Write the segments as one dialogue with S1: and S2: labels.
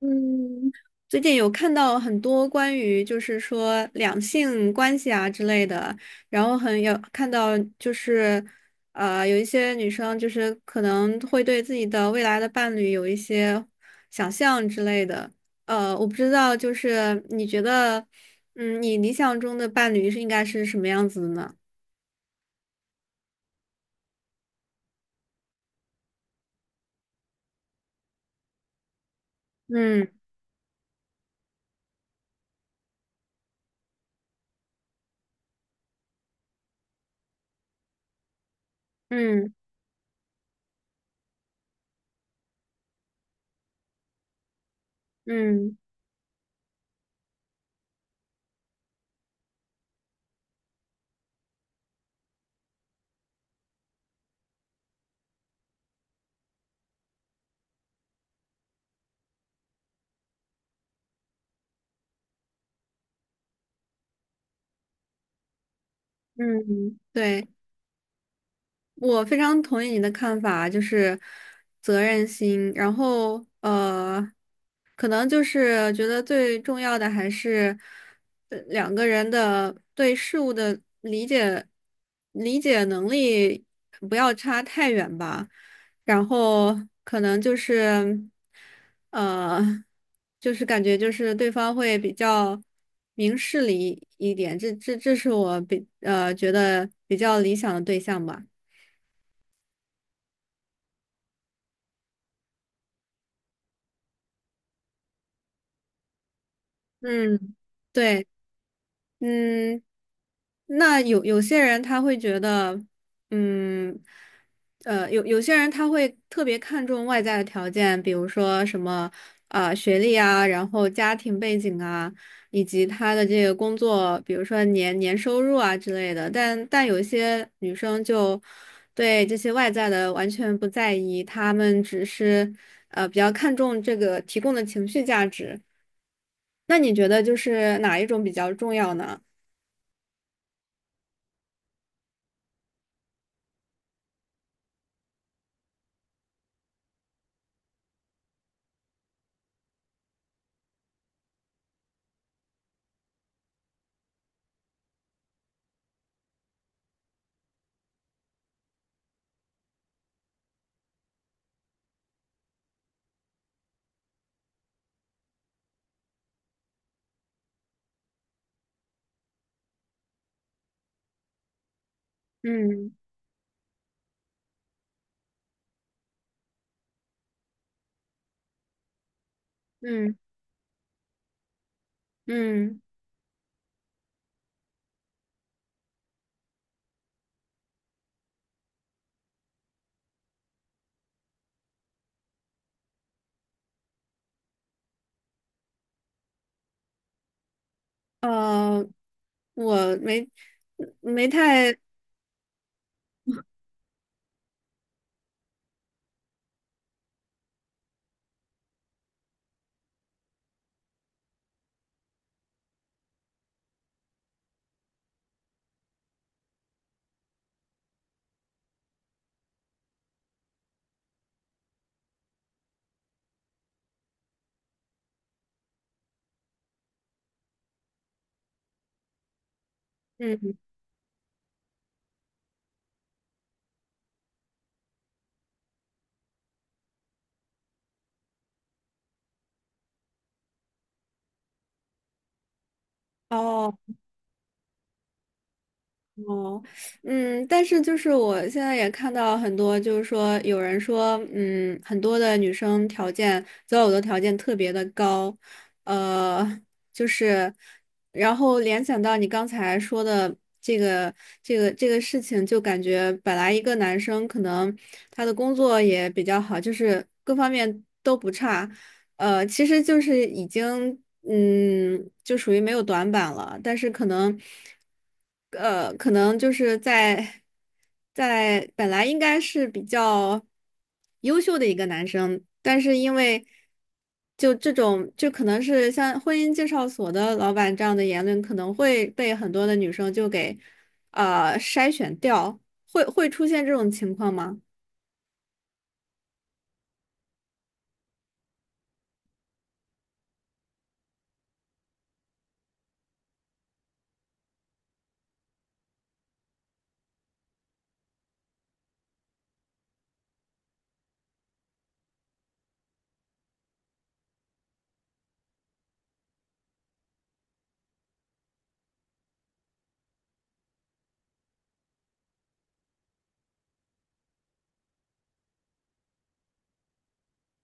S1: 嗯，最近有看到很多关于就是说两性关系啊之类的，然后很有看到就是，有一些女生就是可能会对自己的未来的伴侣有一些想象之类的。我不知道，就是你觉得，你理想中的伴侣是应该是什么样子的呢？嗯嗯嗯嗯，对。我非常同意你的看法，就是责任心，然后可能就是觉得最重要的还是两个人的对事物的理解能力不要差太远吧，然后可能就是呃，就是感觉就是对方会比较明事理一点，这是我觉得比较理想的对象吧。嗯，对，嗯，那有些人他会觉得，嗯，有些人他会特别看重外在的条件，比如说什么啊、学历啊，然后家庭背景啊，以及他的这个工作，比如说年收入啊之类的。但有一些女生就对这些外在的完全不在意，她们只是比较看重这个提供的情绪价值。那你觉得就是哪一种比较重要呢？嗯嗯嗯，呃，我没太嗯哦。哦，但是就是我现在也看到很多，就是说有人说，很多的女生条件择偶的条件特别的高，呃，就是，然后联想到你刚才说的这个这个事情，就感觉本来一个男生可能他的工作也比较好，就是各方面都不差，其实就是已经，就属于没有短板了，但是可能，就是在本来应该是比较优秀的一个男生，但是因为就这种，就可能是像婚姻介绍所的老板这样的言论，可能会被很多的女生就给筛选掉，会出现这种情况吗？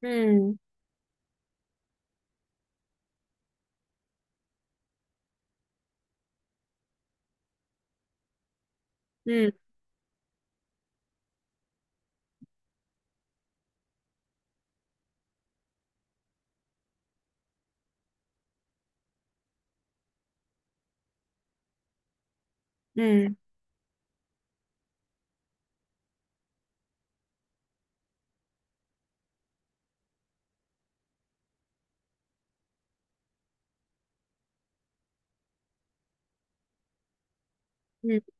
S1: 嗯嗯嗯嗯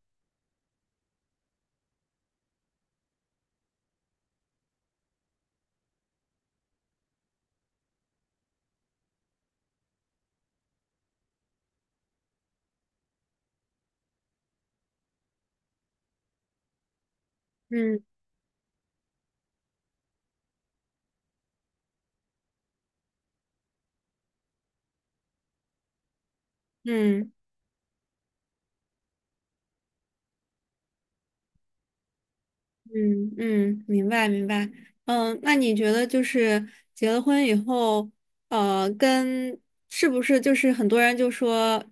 S1: 嗯嗯。嗯嗯嗯，明白明白。那你觉得就是结了婚以后，呃，跟是不是就是很多人就说，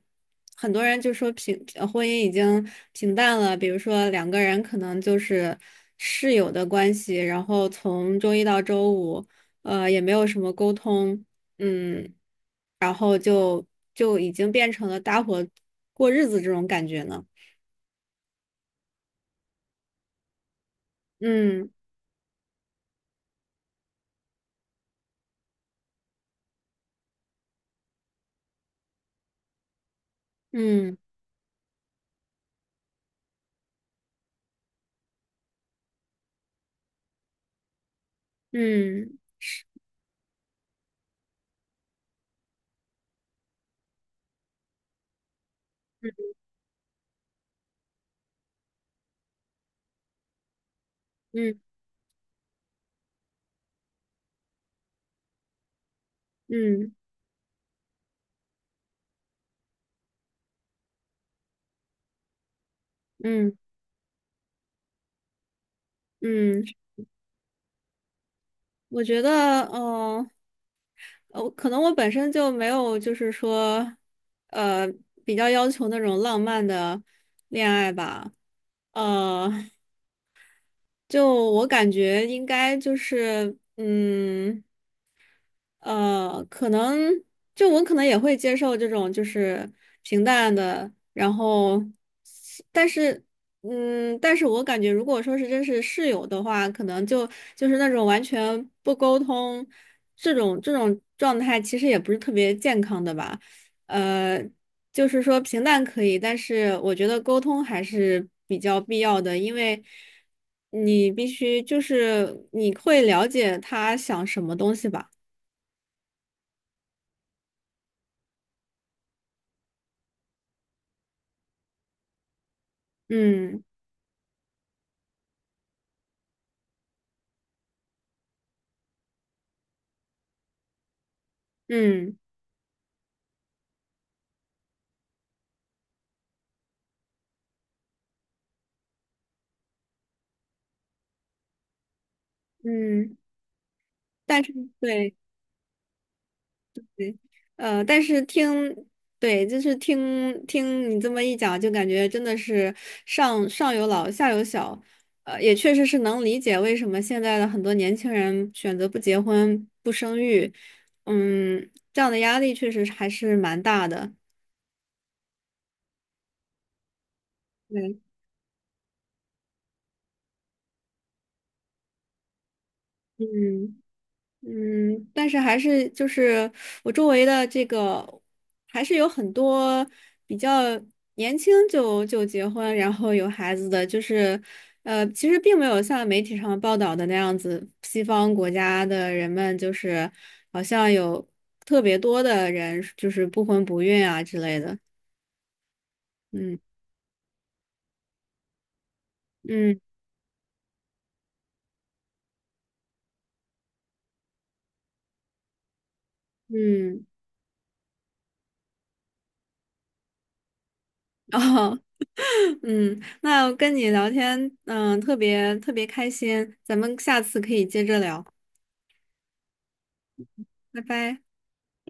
S1: 婚姻已经平淡了，比如说两个人可能就是室友的关系，然后从周一到周五，也没有什么沟通，嗯，然后就已经变成了搭伙过日子这种感觉呢。嗯嗯嗯嗯嗯。嗯嗯，我觉得，我可能我本身就没有，就是说，呃，比较要求那种浪漫的恋爱吧，呃，就我感觉应该就是，可能我可能也会接受这种就是平淡的，然后，但是，但是我感觉如果说是真是室友的话，可能就是那种完全不沟通，这种状态其实也不是特别健康的吧，呃，就是说平淡可以，但是我觉得沟通还是比较必要的，因为。你必须就是你会了解他想什么东西吧。嗯嗯嗯，但是对对，呃，但是听，对，就是听听你这么一讲，就感觉真的是上有老下有小，也确实是能理解为什么现在的很多年轻人选择不结婚不生育，这样的压力确实还是蛮大的。对，嗯。但是还是就是我周围的这个，还是有很多比较年轻就结婚，然后有孩子的，就是其实并没有像媒体上报道的那样子，西方国家的人们就是好像有特别多的人就是不婚不孕啊之类的。嗯嗯嗯，哦，那我跟你聊天，特别特别开心，咱们下次可以接着聊，拜拜。